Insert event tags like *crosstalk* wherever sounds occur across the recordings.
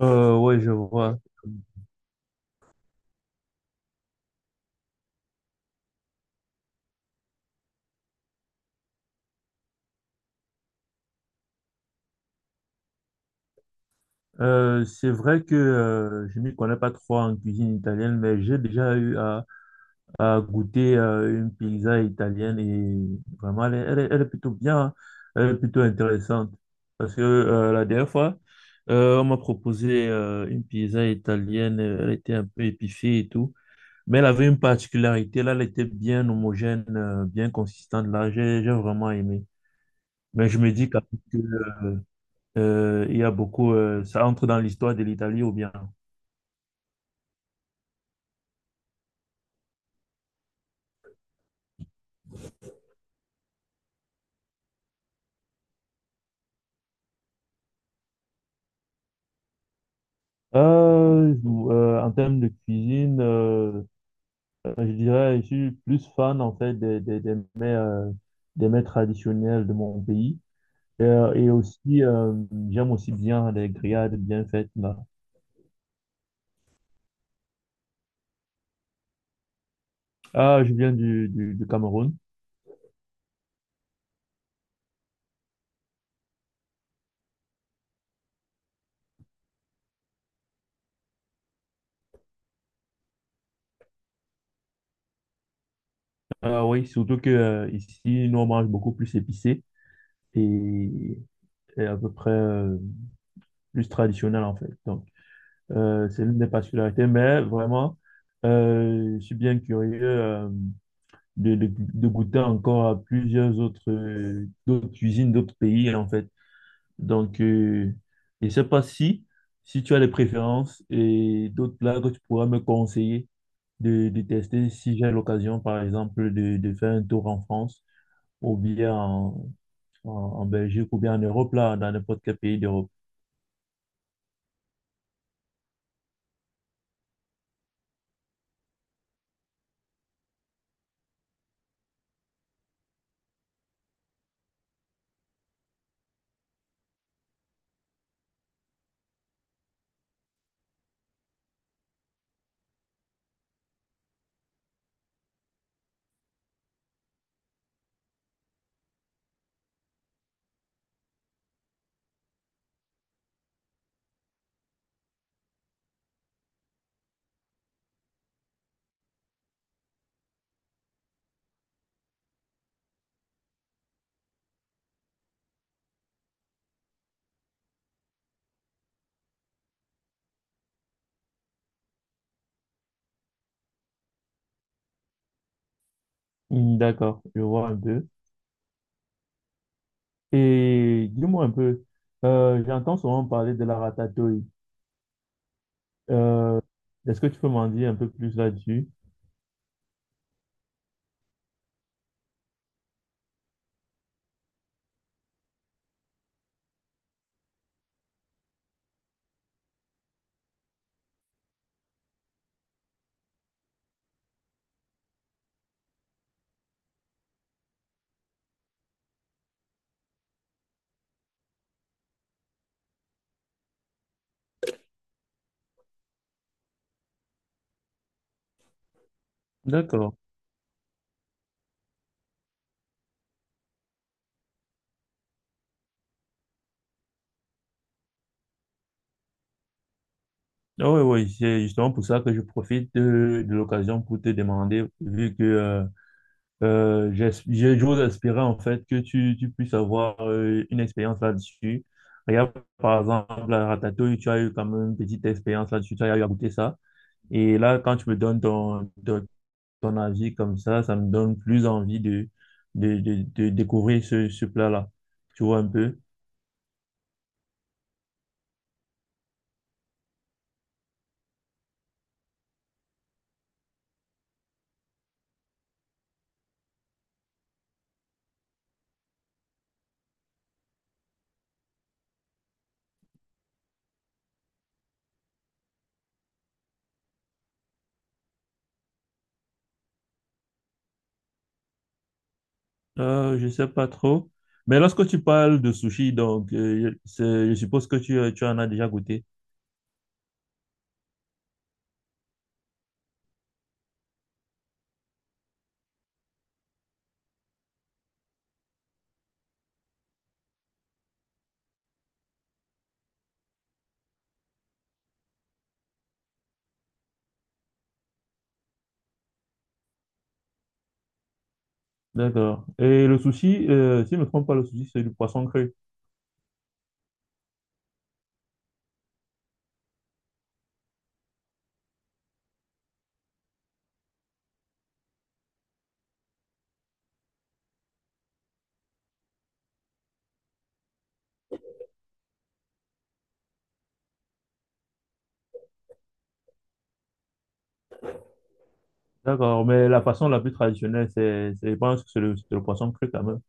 Ouais, je vois. C'est vrai que je m'y connais pas trop en cuisine italienne, mais j'ai déjà eu à goûter une pizza italienne et vraiment, elle est plutôt bien, hein. Elle est plutôt intéressante. Parce que la dernière fois, on m'a proposé une pizza italienne, elle était un peu épicée et tout, mais elle avait une particularité, là, elle était bien homogène, bien consistante, là, j'ai vraiment aimé. Mais je me dis que il y a beaucoup, ça entre dans l'histoire de l'Italie ou bien? En termes de cuisine, je dirais, je suis plus fan en fait des mets traditionnels de mon pays. Et aussi, j'aime aussi bien les grillades bien faites là. Ah, je viens du Cameroun. Ah oui, surtout que ici, nous, on mange beaucoup plus épicé et, et à peu près plus traditionnel, en fait. Donc, c'est l'une des particularités. Mais vraiment, je suis bien curieux de goûter encore à plusieurs autres, d'autres cuisines, d'autres pays, en fait. Donc, je ne sais pas si, si tu as des préférences et d'autres plats que tu pourras me conseiller de tester si j'ai l'occasion, par exemple, de faire un tour en France ou bien en Belgique, ou bien en Europe, là, dans n'importe quel pays d'Europe. Hmm. D'accord, je vois un peu. Et dis-moi un peu, j'entends souvent parler de la ratatouille. Euh, Est-ce que tu peux m'en dire un peu plus là-dessus? D'accord. Ah oui, oui, c'est justement pour ça que je profite de l'occasion pour te demander, vu que j'ose espérer en fait que tu puisses avoir une expérience là-dessus. Regarde, par exemple, la ratatouille, tu as eu quand même une petite expérience là-dessus, tu as eu à goûter ça. Et là, quand tu me donnes ton, ton, ton avis comme ça me donne plus envie de découvrir ce, ce plat-là. Tu vois un peu? Je sais pas trop. Mais lorsque tu parles de sushi, donc, je suppose que tu en as déjà goûté. D'accord. Et le sushi, si je ne me trompe pas, le sushi, c'est du poisson cru. D'accord, mais la façon la plus traditionnelle, je pense que c'est le poisson cru quand même.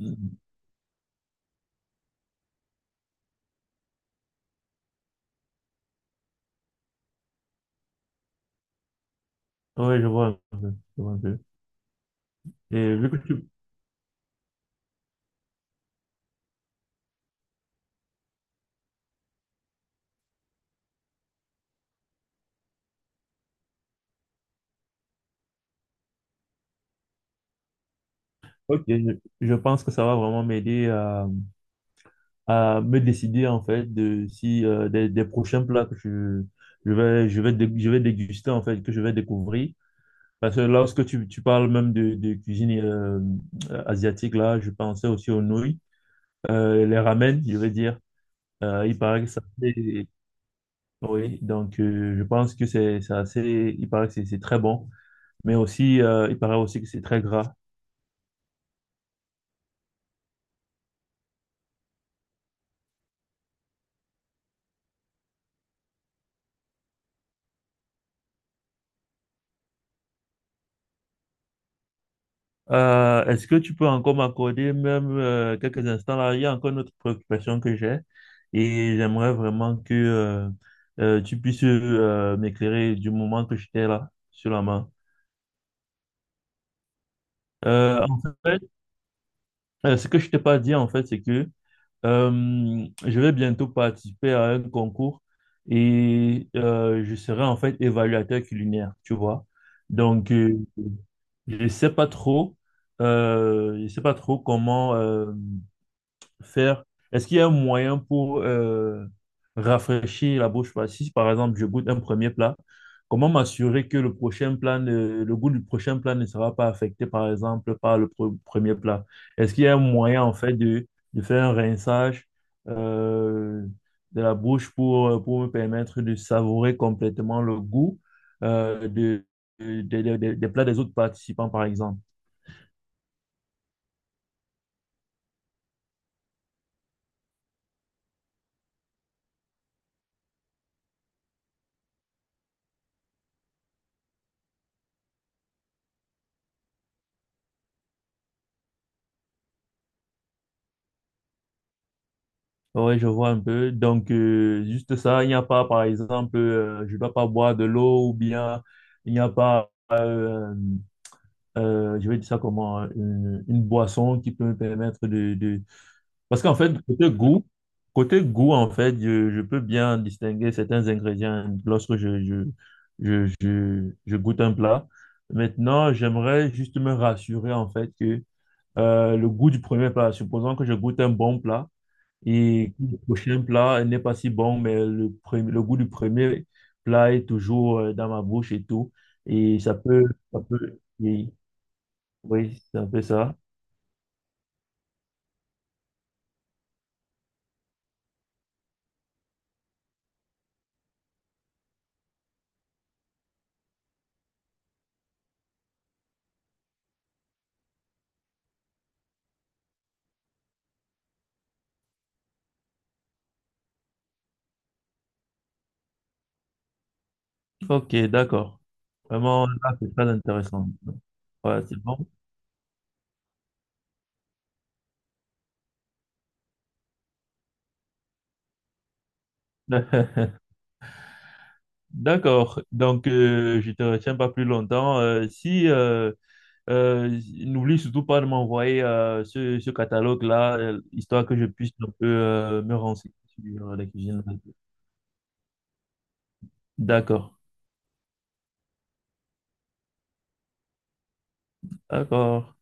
Mhm. Oui, je vois un peu, je vois un peu. Et vu que tu... Ok, je pense que ça va vraiment m'aider à me décider en fait de si des prochains plats que je vais, je vais déguster en fait, que je vais découvrir. Parce que lorsque tu, tu parles même de cuisine asiatique, là, je pensais aussi aux nouilles. Euh, les ramen, je veux dire. Il paraît que ça fait- Oui, donc je pense que c'est assez... Il paraît que c'est très bon. Mais aussi, il paraît aussi que c'est très gras. Est-ce que tu peux encore m'accorder même quelques instants là? Il y a encore une autre préoccupation que j'ai et j'aimerais vraiment que tu puisses m'éclairer du moment que j'étais là sur la main. En fait, ce que je t'ai pas dit en fait, c'est que je vais bientôt participer à un concours et je serai en fait évaluateur culinaire, tu vois. Donc, je sais pas trop, je sais pas trop comment. Faire? Est-ce qu'il y a un moyen pour rafraîchir la bouche? Si, par exemple, je goûte un premier plat, comment m'assurer que le goût du prochain plat ne sera pas affecté, par exemple, par le premier plat? Est-ce qu'il y a un moyen, en fait, de faire un rinçage euh, de la bouche pour me permettre de savourer complètement le goût euh, de, des plats des autres participants, par exemple? Oui, je vois un peu. Donc, juste ça, il n'y a pas, par exemple, je ne dois pas boire de l'eau ou bien il n'y a pas, je vais dire ça comment, une boisson qui peut me permettre de, parce qu'en fait, côté goût, en fait, je peux bien distinguer certains ingrédients lorsque je goûte un plat. Maintenant, j'aimerais juste me rassurer, en fait, que le goût du premier plat, supposons que je goûte un bon plat et que le prochain plat n'est pas si bon, mais le goût du premier plat est toujours dans ma bouche et tout. Et ça peut, oui, oui, c'est un peu ça. Ok, d'accord. Vraiment, là, c'est très intéressant. Voilà c'est bon. *laughs* D'accord. Donc, je te retiens pas plus longtemps. Si, n'oublie surtout pas de m'envoyer ce catalogue-là, histoire que je puisse un peu me renseigner sur la cuisine. D'accord. D'accord.